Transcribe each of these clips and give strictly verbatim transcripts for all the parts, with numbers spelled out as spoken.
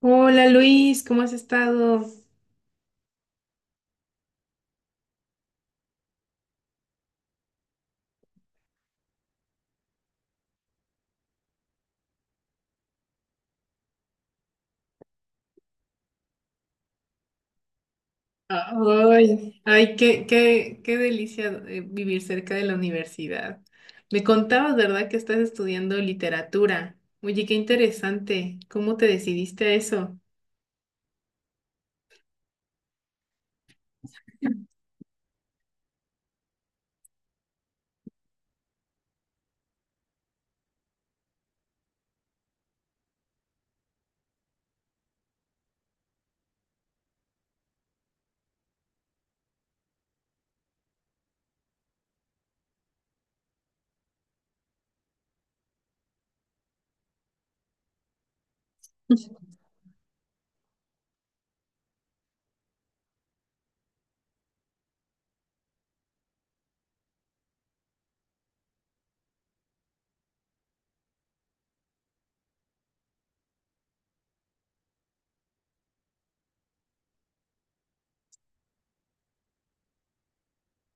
Hola Luis, ¿cómo has estado? Ay, ay, qué, qué, qué delicia, eh, vivir cerca de la universidad. Me contabas, ¿verdad?, que estás estudiando literatura. Oye, qué interesante. ¿Cómo te decidiste a eso?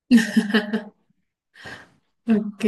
Ok.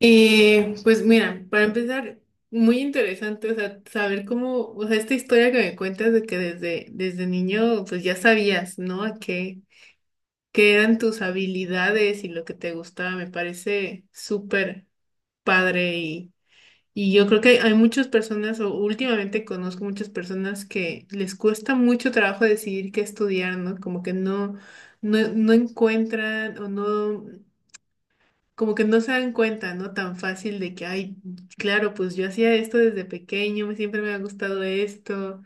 Eh, pues mira, para empezar, muy interesante, o sea, saber cómo, o sea, esta historia que me cuentas de que desde, desde niño, pues ya sabías, ¿no? A qué, que eran tus habilidades y lo que te gustaba. Me parece súper padre, y, y yo creo que hay muchas personas, o últimamente conozco muchas personas que les cuesta mucho trabajo decidir qué estudiar, ¿no? Como que no, no, no encuentran o no, como que no se dan cuenta, ¿no? Tan fácil de que, ay, claro, pues yo hacía esto desde pequeño, siempre me ha gustado esto,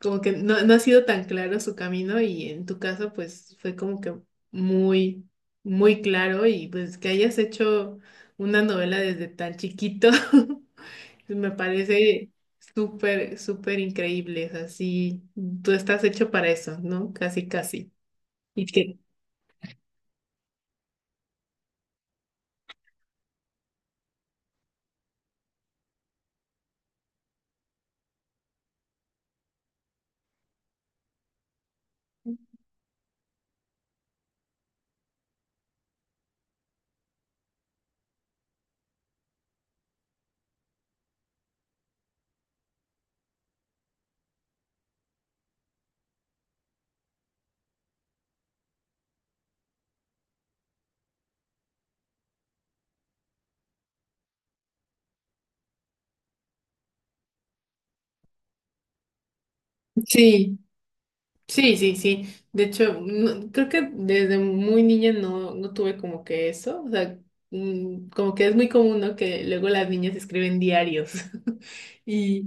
como que no, no ha sido tan claro su camino. Y en tu caso pues fue como que muy, muy claro, y pues que hayas hecho una novela desde tan chiquito, me parece súper, súper increíble, o sea, sí, tú estás hecho para eso, ¿no? Casi, casi. Y que sí. Sí, sí, sí. De hecho, no- creo que desde muy niña no, no tuve como que eso. O sea, mm, como que es muy común, ¿no? Que luego las niñas escriben diarios. Y,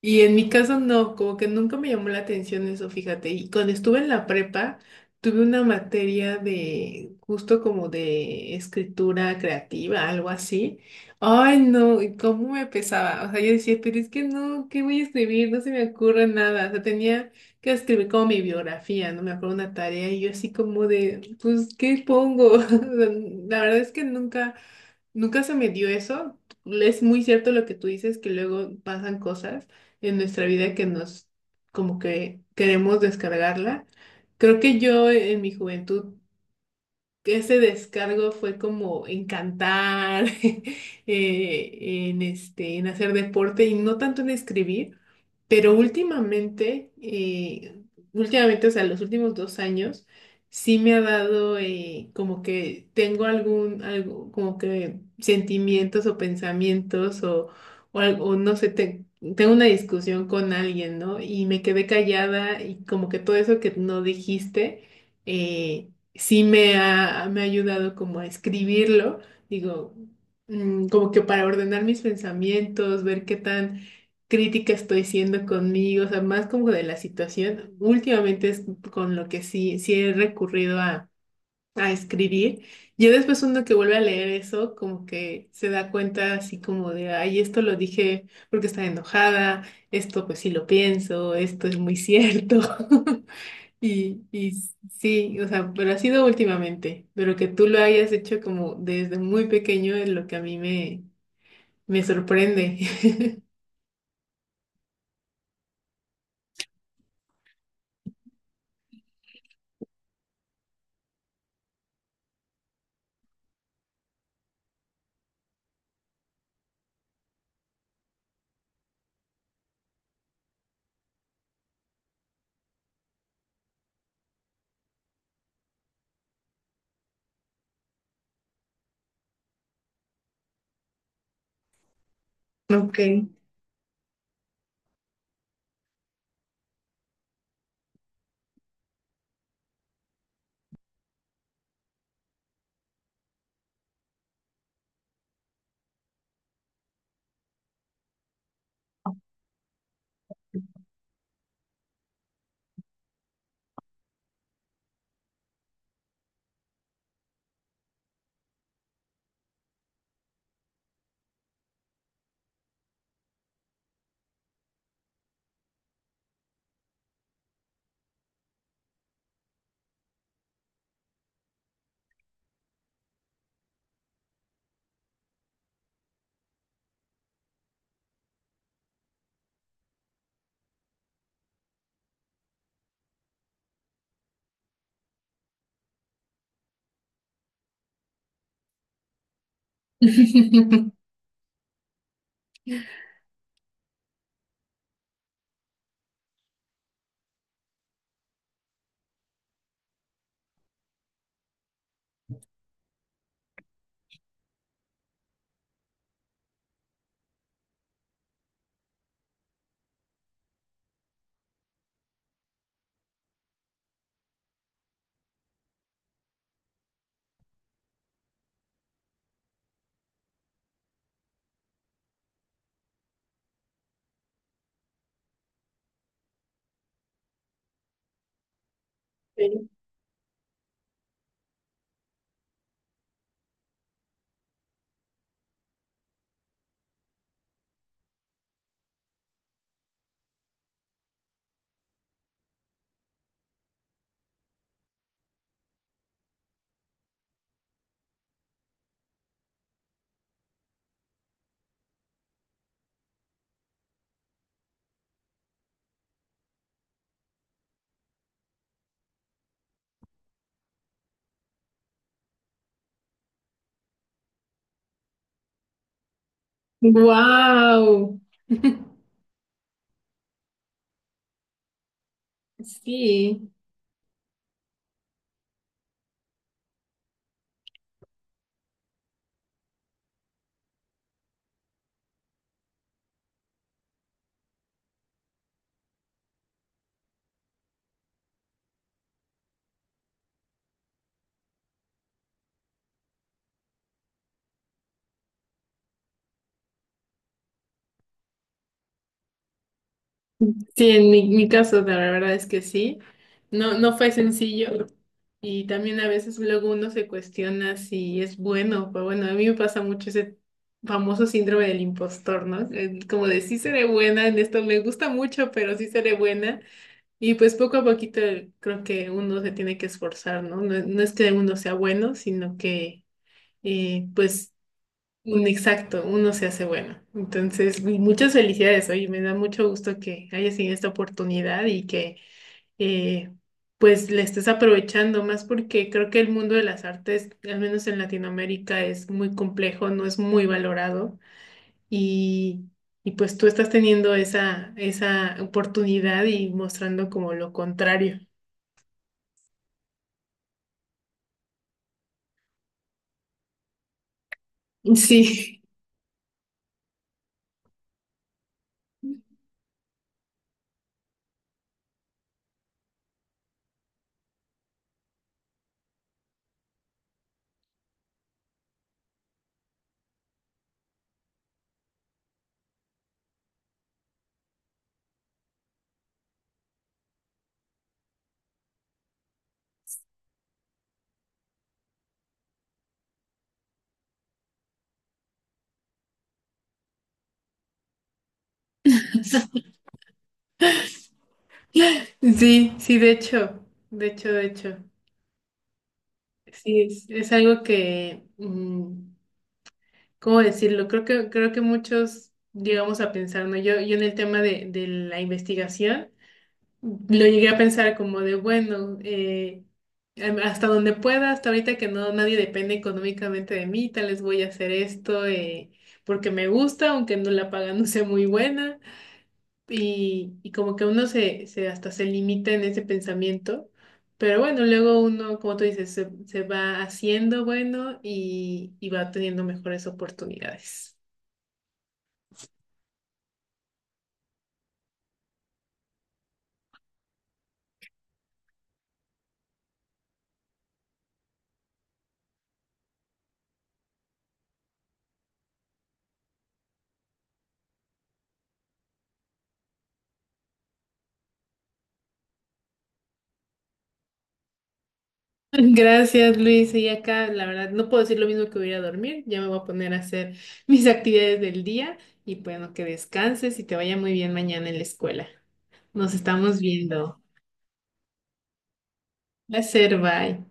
y en mi caso no, como que nunca me llamó la atención eso, fíjate. Y cuando estuve en la prepa, tuve una materia de justo como de escritura creativa, algo así. Ay, no, y cómo me pesaba. O sea, yo decía, pero es que no, ¿qué voy a escribir? No se me ocurre nada. O sea, tenía que escribir como mi biografía, no me acuerdo, una tarea, y yo así como de, pues, ¿qué pongo? O sea, la verdad es que nunca, nunca se me dio eso. Es muy cierto lo que tú dices, que luego pasan cosas en nuestra vida que nos, como que queremos descargarla. Creo que yo en mi juventud, ese descargo fue como en cantar, eh, en este, en hacer deporte y no tanto en escribir. Pero últimamente, eh, últimamente, o sea, los últimos dos años, sí me ha dado, eh, como que tengo algún, algo, como que sentimientos o pensamientos o, o, al- o no sé, te- tengo una discusión con alguien, ¿no? Y me quedé callada, y como que todo eso que no dijiste, eh, sí me ha, me ha ayudado como a escribirlo, digo, mm, como que para ordenar mis pensamientos, ver qué tan crítica estoy siendo conmigo, o sea, más como de la situación. Últimamente es con lo que sí, sí he recurrido a, a escribir. Ya después uno que vuelve a leer eso, como que se da cuenta así como de, ay, esto lo dije porque estaba enojada, esto pues sí lo pienso, esto es muy cierto. Y, y sí, o sea, pero ha sido últimamente, pero que tú lo hayas hecho como desde muy pequeño es lo que a mí me, me sorprende. Ok. Sí. Wow. Sí, sí, en mi, mi caso la verdad es que sí. No, no fue sencillo, y también a veces luego uno se cuestiona si es bueno, pero bueno, a mí me pasa mucho ese famoso síndrome del impostor, ¿no? Eh, Como de sí seré buena en esto, me gusta mucho, pero sí seré buena, y pues poco a poquito creo que uno se tiene que esforzar, ¿no? No, no es que uno sea bueno, sino que eh, pues un- exacto, uno se hace bueno. Entonces, mu- muchas felicidades, oye, me da mucho gusto que hayas tenido esta oportunidad, y que eh, pues la estés aprovechando más porque creo que el mundo de las artes, al menos en Latinoamérica, es muy complejo, no es muy valorado, y, y pues tú estás teniendo esa, esa oportunidad y mostrando como lo contrario. Sí, sí, sí, de hecho, de hecho, de hecho. Sí, es, es algo que, mm, ¿cómo decirlo? Creo que, creo que muchos llegamos a pensar, ¿no? Yo, yo en el tema de, de la investigación lo llegué a pensar como de, bueno, eh, em, hasta donde pueda, hasta ahorita que no, nadie depende económicamente de mí, tal vez voy a hacer esto, eh, porque me gusta, aunque no la paga no sea muy buena. Y, y como que uno se, se hasta se limita en ese pensamiento. Pero bueno, luego uno, como tú dices, se, se va haciendo bueno y, y va teniendo mejores oportunidades. Gracias, Luis. Y acá, la verdad, no puedo decir lo mismo, que voy a ir a dormir. Ya me voy a poner a hacer mis actividades del día, y pues, bueno, que descanses y te vaya muy bien mañana en la escuela. Nos estamos viendo. Placer, bye.